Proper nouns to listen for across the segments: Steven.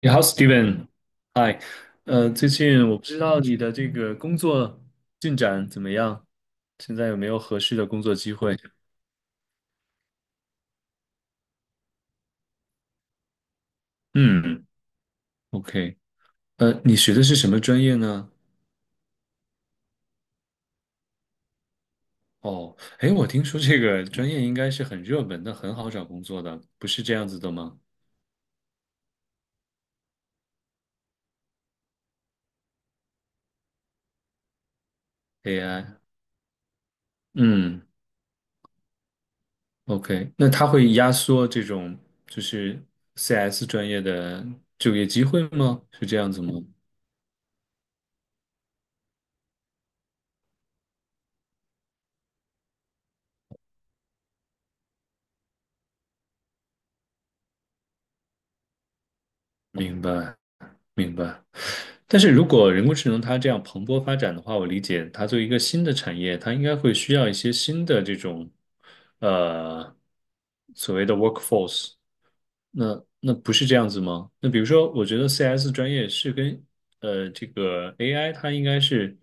你好，Steven，嗨，最近我不知道你的这个工作进展怎么样，现在有没有合适的工作机会？嗯，OK，你学的是什么专业呢？哦，哎，我听说这个专业应该是很热门的，很好找工作的，不是这样子的吗？AI，嗯，OK，那它会压缩这种就是 CS 专业的就业机会吗？是这样子吗？明白，明白。但是如果人工智能它这样蓬勃发展的话，我理解它作为一个新的产业，它应该会需要一些新的这种，呃，所谓的 workforce。那不是这样子吗？那比如说，我觉得 CS 专业是跟这个 AI 它应该是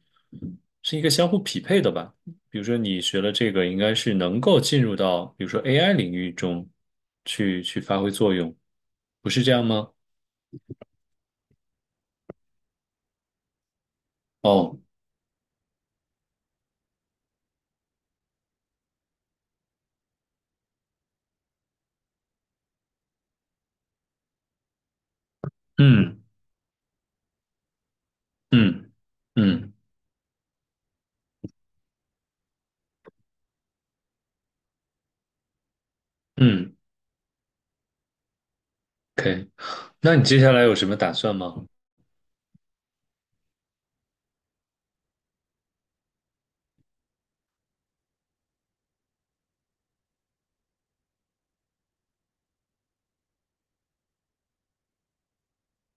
是一个相互匹配的吧？比如说你学了这个，应该是能够进入到比如说 AI 领域中去发挥作用，不是这样吗？哦，嗯嗯嗯嗯，OK。那你接下来有什么打算吗？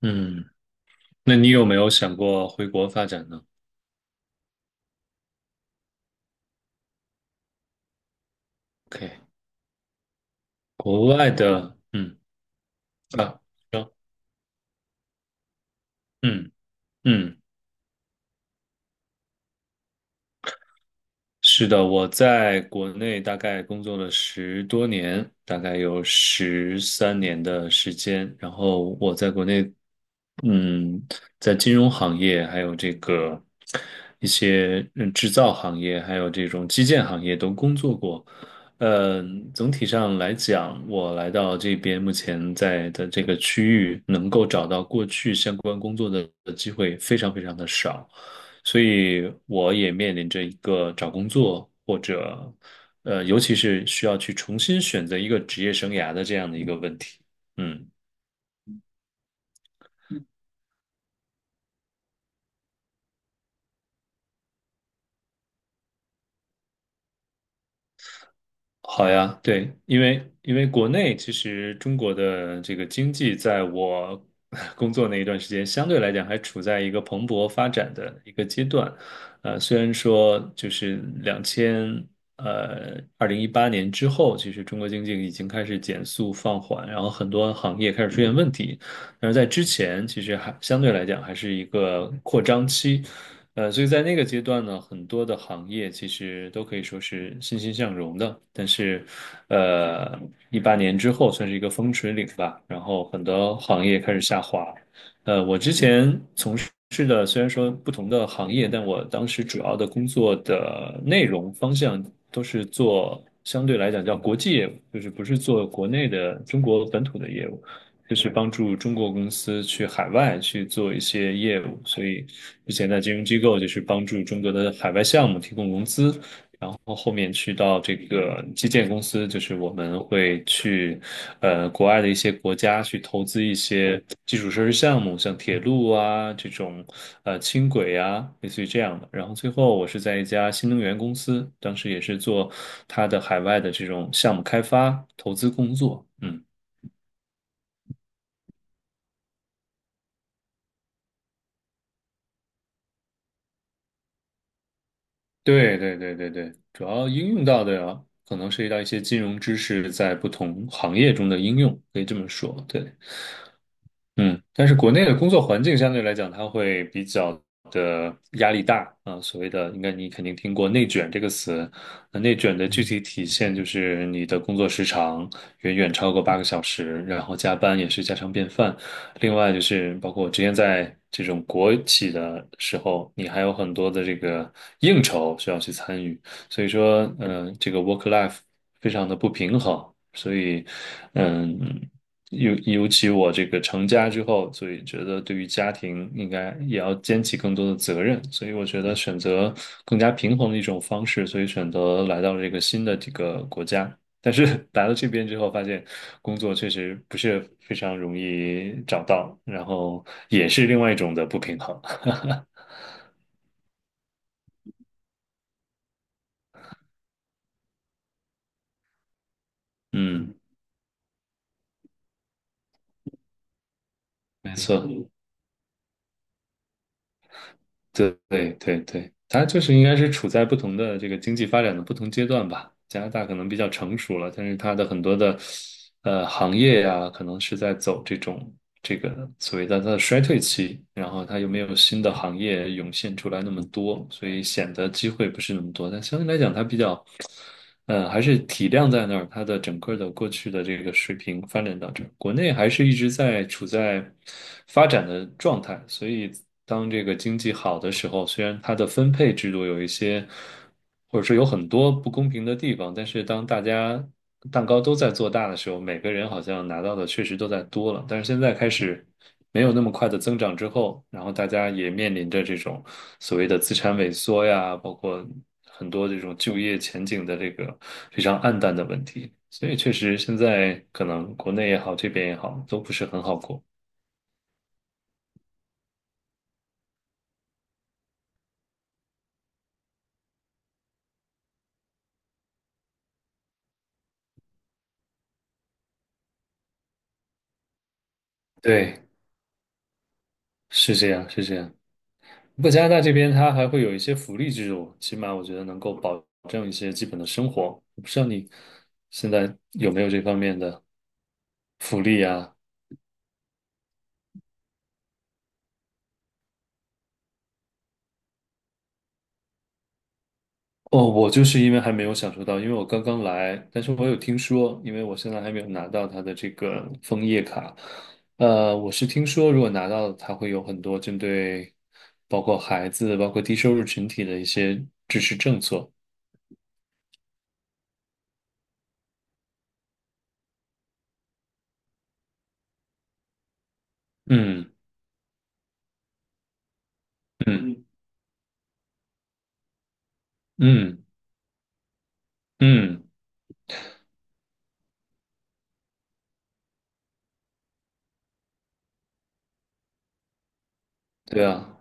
嗯，那你有没有想过回国发展呢？OK，国外的，嗯啊，行嗯嗯。是的，我在国内大概工作了10多年，大概有13年的时间。然后我在国内，嗯，在金融行业，还有这个一些制造行业，还有这种基建行业都工作过。嗯，总体上来讲，我来到这边目前在的这个区域，能够找到过去相关工作的机会非常非常的少。所以我也面临着一个找工作或者，尤其是需要去重新选择一个职业生涯的这样的一个问题。嗯。好呀，对，因为国内其实中国的这个经济，在我 工作那一段时间，相对来讲还处在一个蓬勃发展的一个阶段。虽然说就是2018年之后，其实中国经济已经开始减速放缓，然后很多行业开始出现问题，但是在之前，其实还相对来讲还是一个扩张期。所以在那个阶段呢，很多的行业其实都可以说是欣欣向荣的。但是，呃，一八年之后算是一个分水岭吧，然后很多行业开始下滑。我之前是的，虽然说不同的行业，但我当时主要的工作的内容方向都是做相对来讲叫国际业务，就是不是做国内的中国本土的业务，就是帮助中国公司去海外去做一些业务。所以之前在金融机构就是帮助中国的海外项目提供融资。然后后面去到这个基建公司，就是我们会去，国外的一些国家去投资一些基础设施项目，像铁路啊这种，轻轨啊，类似于这样的。然后最后我是在一家新能源公司，当时也是做它的海外的这种项目开发投资工作。嗯，对对对对对，主要应用到的可能涉及到一些金融知识在不同行业中的应用，可以这么说，对。嗯，但是国内的工作环境相对来讲，它会比较的压力大啊。所谓的，应该你肯定听过“内卷”这个词。那内卷的具体体现就是你的工作时长远远超过8个小时，然后加班也是家常便饭。另外就是包括我之前在这种国企的时候，你还有很多的这个应酬需要去参与。所以说，这个 work life 非常的不平衡，所以，嗯，尤其我这个成家之后，所以觉得对于家庭应该也要肩起更多的责任，所以我觉得选择更加平衡的一种方式，所以选择来到了这个新的这个国家。但是 来到这边之后，发现工作确实不是非常容易找到，然后也是另外一种的不平衡。嗯，没错。对对对对，它就是应该是处在不同的这个经济发展的不同阶段吧。加拿大可能比较成熟了，但是它的很多的行业呀、可能是在走这种这个所谓的它的衰退期，然后它又没有新的行业涌现出来那么多，所以显得机会不是那么多。但相对来讲，它比较还是体量在那儿，它的整个的过去的这个水平发展到这儿，国内还是一直在处在发展的状态，所以当这个经济好的时候，虽然它的分配制度有一些，或者说有很多不公平的地方，但是当大家蛋糕都在做大的时候，每个人好像拿到的确实都在多了，但是现在开始没有那么快的增长之后，然后大家也面临着这种所谓的资产萎缩呀，包括很多这种就业前景的这个非常暗淡的问题。所以确实，现在可能国内也好，这边也好，都不是很好过。对，是这样，是这样。不过加拿大这边它还会有一些福利制度，起码我觉得能够保证一些基本的生活。我不知道你现在有没有这方面的福利啊？哦，我就是因为还没有享受到，因为我刚刚来，但是我有听说，因为我现在还没有拿到它的这个枫叶卡，我是听说如果拿到，它会有很多针对包括孩子、包括低收入群体的一些支持政策。嗯嗯嗯嗯，对啊，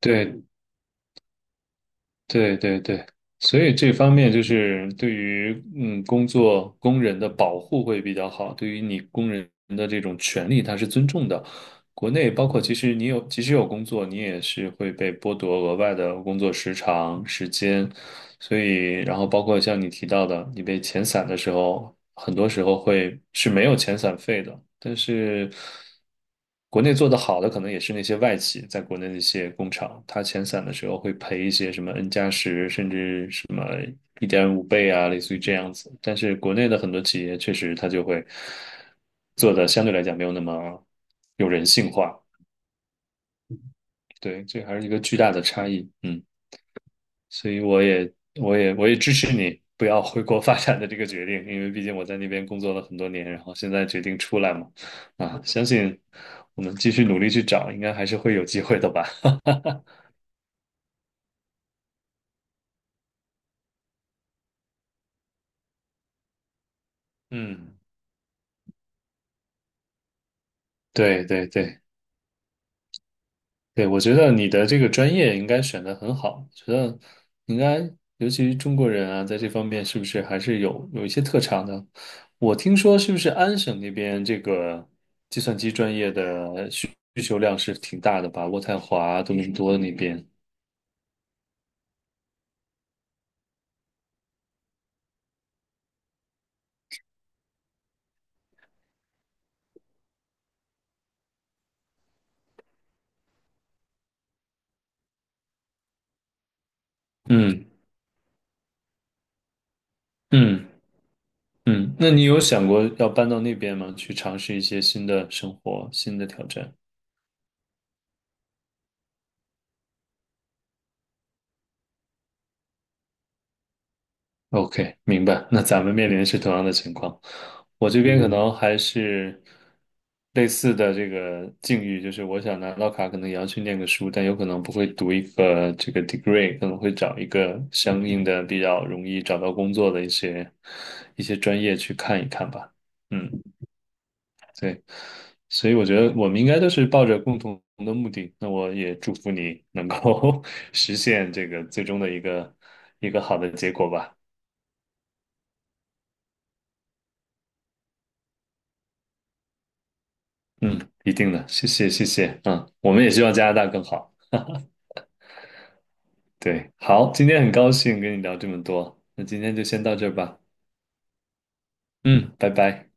对对对对，所以这方面就是对于工作工人的保护会比较好，对于你工人的这种权利，它是尊重的。国内包括其实你有即使有工作，你也是会被剥夺额外的工作时长、时间，所以，然后包括像你提到的，你被遣散的时候，很多时候会是没有遣散费的。但是，国内做得好的可能也是那些外企，在国内的一些工厂，它遣散的时候会赔一些什么 N+10，甚至什么1.5倍啊，类似于这样子。但是国内的很多企业确实它就会做的相对来讲没有那么有人性化，对，这还是一个巨大的差异。嗯。所以我也支持你不要回国发展的这个决定，因为毕竟我在那边工作了很多年，然后现在决定出来嘛，啊，相信我们继续努力去找，应该还是会有机会的吧。嗯，对对对，对，我觉得你的这个专业应该选的很好，觉得应该，尤其是中国人啊，在这方面是不是还是有一些特长的？我听说是不是安省那边这个计算机专业的需求量是挺大的吧？渥太华、多伦多那边，嗯嗯嗯，那你有想过要搬到那边吗？去尝试一些新的生活、新的挑战？OK，明白。那咱们面临的是同样的情况，我这边可能还是类似的这个境遇，就是我想拿到卡，可能也要去念个书，但有可能不会读一个这个 degree，可能会找一个相应的比较容易找到工作的一些一些专业去看一看吧。嗯，对，所以我觉得我们应该都是抱着共同的目的。那我也祝福你能够 实现这个最终的一个好的结果吧。嗯，一定的，谢谢谢谢，嗯，我们也希望加拿大更好。对，好，今天很高兴跟你聊这么多，那今天就先到这儿吧，嗯，拜拜。